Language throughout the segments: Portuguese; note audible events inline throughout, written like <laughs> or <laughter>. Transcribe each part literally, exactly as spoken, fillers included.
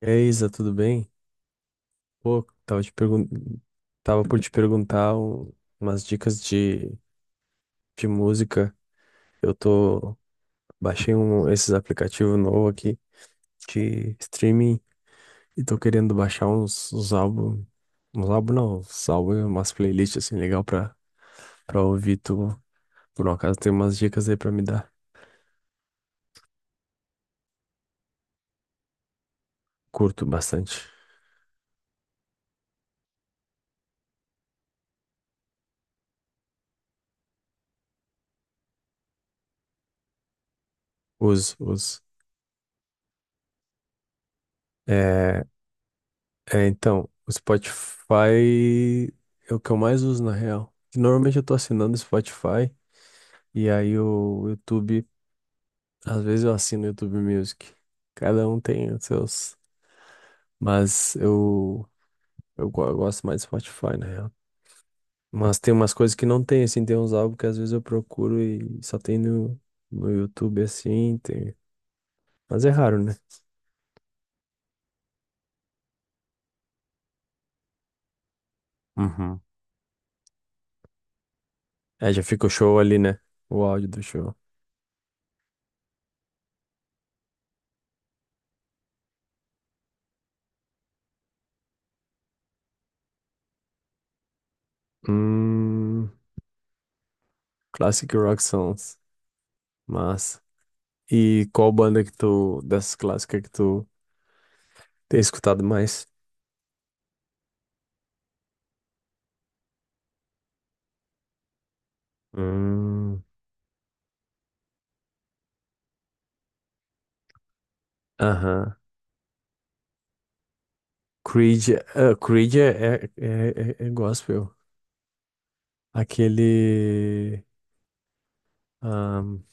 E aí, Isa, tudo bem? Pô, tava te pergun... tava por te perguntar um- umas dicas de... de música. Eu tô Baixei um esses aplicativos novo aqui de streaming e tô querendo baixar uns, uns álbuns, uns álbuns não, uns álbuns, umas playlists assim legal pra para ouvir tu. Por um acaso tem umas dicas aí pra me dar. Curto bastante. Uso, uso. É, É, então, o Spotify é o que eu mais uso na real. Que normalmente eu tô assinando o Spotify, e aí o YouTube, às vezes eu assino o YouTube Music. Cada um tem os seus, mas eu eu, go- eu gosto mais do Spotify na real. Mas tem umas coisas que não tem assim, tem uns álbuns que às vezes eu procuro e só tem no no YouTube assim, tem. Mas é raro, né? Uhum. É, já fica o show ali, né? O áudio do show. Hum. Classic Rock Songs. Massa. E qual banda que tu, dessas clássicas que tu tem escutado mais? Hum. Aham. Creed, ah, Creed é, é, é, é é gospel. Aquele. ahn,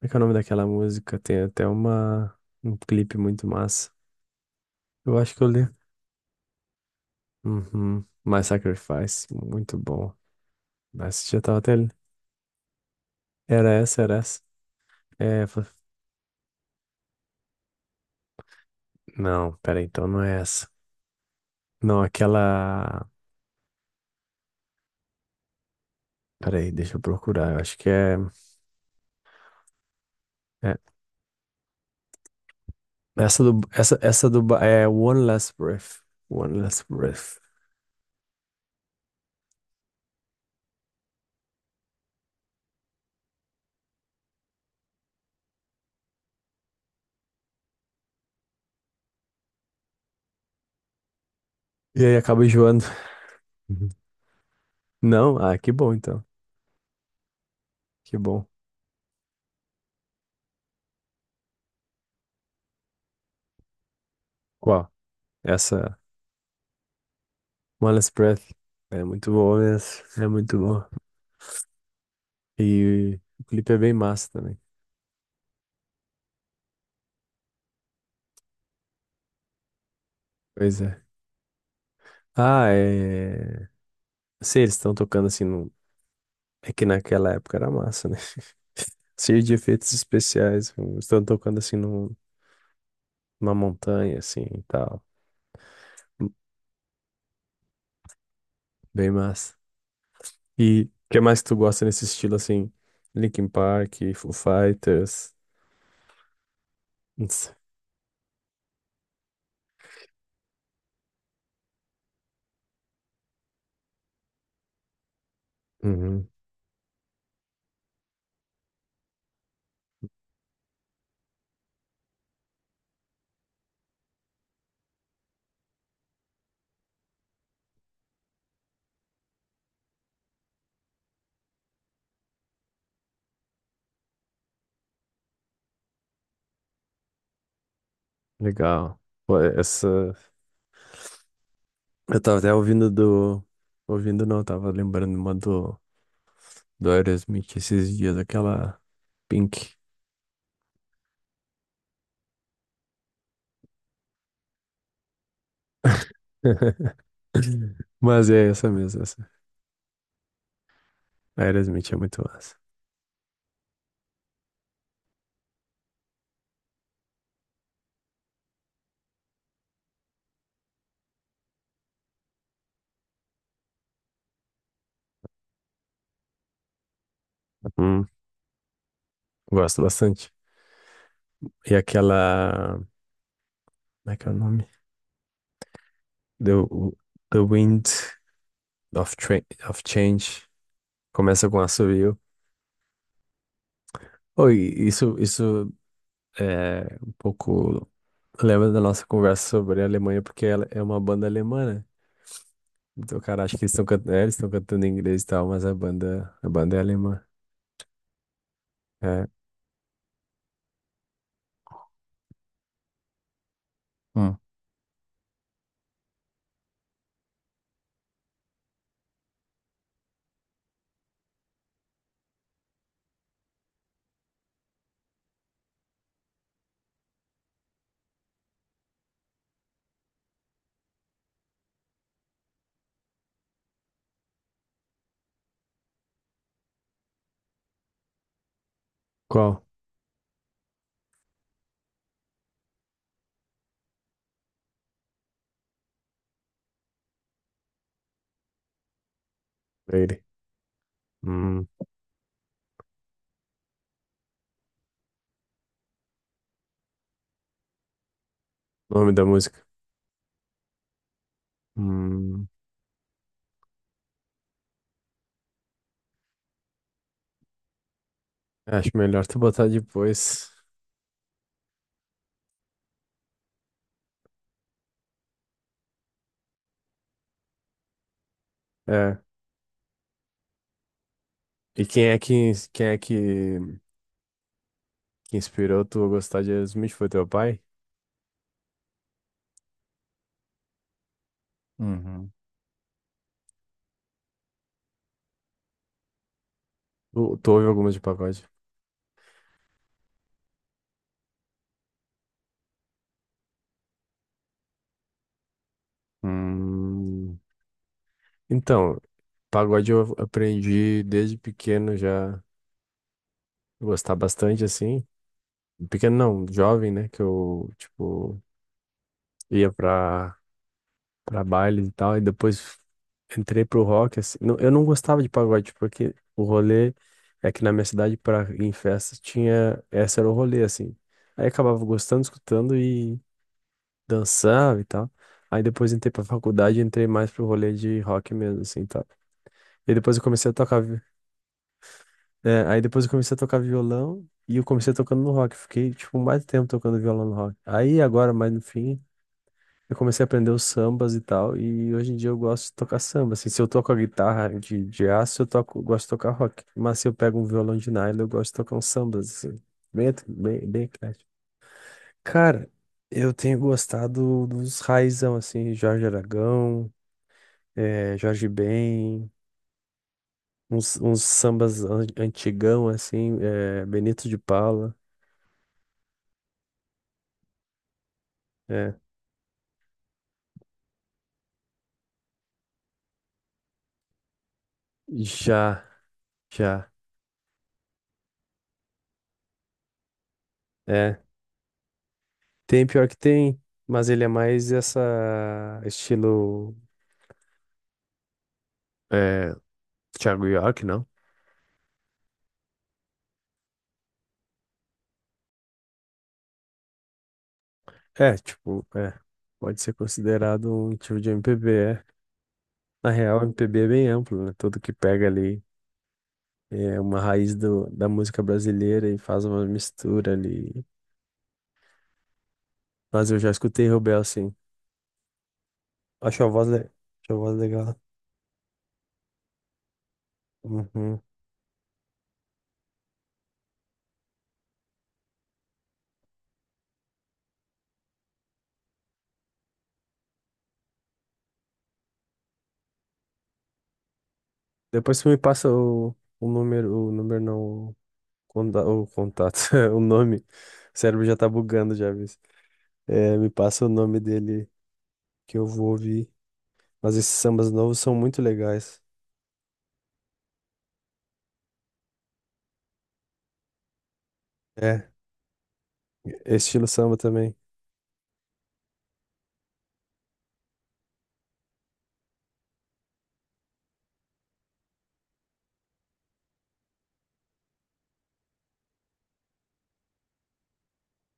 Como é que é o nome daquela música? Tem até uma, um clipe muito massa. Eu acho que eu li. Uhum. My Sacrifice, muito bom. Mas já tava até. Era essa, era essa. É, fa- não, peraí, então não é essa. Não, aquela. Peraí, deixa eu procurar. Eu acho que é. É. Essa do, essa, essa do, Ba- é One Last Breath. One Last Breath. E aí acaba enjoando. Uhum. Não? Ah, que bom então. Que bom. Qual? Essa One Last Breath. É muito boa mesmo. É muito boa. E o clipe é bem massa também. Pois é. Ah, é. Sei, eles estão tocando assim num... É que naquela época era massa, né? <laughs> Cheio de efeitos especiais. Estão tocando assim num- Numa montanha, assim e tal. Bem massa. E o que mais tu gosta nesse estilo assim? Linkin Park, Foo Fighters. Ns- Uhum, legal. Pô, essa. Eu tava até ouvindo do. Ouvindo não, tava lembrando uma do, do Aerosmith esses dias, aquela Pink. <laughs> Mas é essa mesmo, essa. Aerosmith é muito massa. Uhum. Gosto bastante. E aquela. Como é que é o nome? The, The Wind of, Tra- of Change. Começa com assobio. Oh, e isso, isso é um pouco... Lembra da nossa conversa sobre a Alemanha, porque ela é uma banda alemã, né? Então, cara, acho que eles estão cantando, eles estão cantando em inglês e tal, mas a banda, a banda é alemã. É. Hum. Qual? Ele. Hum, nome da música. Hum, acho melhor tu botar depois. É. E quem é que, ins- quem é que, que inspirou tu a gostar de Aerosmith? Foi teu pai? Uhum. Tu, tu ouve algumas de pagode? Hum, então, pagode eu aprendi desde pequeno já a gostar bastante, assim. Pequeno não, jovem, né? Que eu, tipo, ia pra pra baile e tal. E depois entrei pro rock, assim. Não- eu não gostava de pagode, porque o rolê é que na minha cidade, pra ir em festas, tinha. Esse era o rolê, assim. Aí acabava gostando, escutando e dançava e tal. Aí depois entrei pra faculdade e entrei mais pro rolê de rock mesmo, assim, tal. E depois eu comecei a tocar. Vi- é, aí depois eu comecei a tocar violão e eu comecei tocando no rock. Fiquei, tipo, mais tempo tocando violão no rock. Aí agora, mais no fim. Eu comecei a aprender os sambas e tal, e hoje em dia eu gosto de tocar samba. Assim, se eu toco a guitarra de, de aço, eu toco, gosto de tocar rock. Mas se eu pego um violão de nylon, eu gosto de tocar uns sambas, assim. Bem, et- bem, bem eclético. Cara, eu tenho gostado dos raizão, assim, Jorge Aragão, eh, Jorge Ben, uns, uns sambas an- antigão, assim, eh, Benito de Paula. É. Já, já. É. Tem pior que tem. Mas ele é mais essa estilo. É, Thiago York, não? É, tipo, é, Pode ser considerado um tipo de M P B, é. Na real, M P B é bem amplo, né? Tudo que pega ali é uma raiz do, da música brasileira e faz uma mistura ali. Mas eu já escutei Rubel, sim. Acho a voz, le... acho a voz legal. Uhum. Depois você me passa o, o número, o número não, o, conta- o contato, <laughs> o nome. O cérebro já tá bugando, já, viu? É, me passa o nome dele que eu vou ouvir. Mas esses sambas novos são muito legais. É, estilo samba também.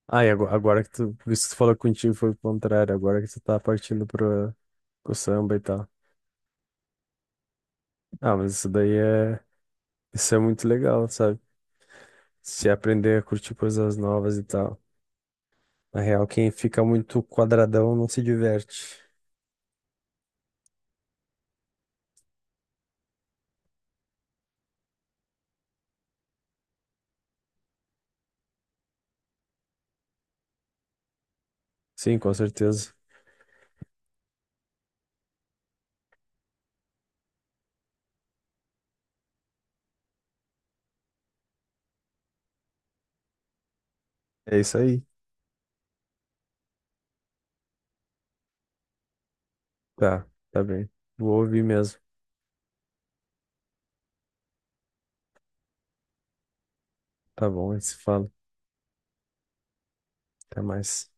Ah, e ago- agora que tu, por isso que tu falou que contigo foi o contrário, agora que tu tá partindo pro, pro samba e tal. Ah, mas isso daí é, isso é muito legal, sabe? Se aprender a curtir coisas novas e tal. Na real, quem fica muito quadradão não se diverte. Sim, com certeza. É isso aí. Tá, tá bem. Vou ouvir mesmo. Tá bom, a gente se fala. Até mais.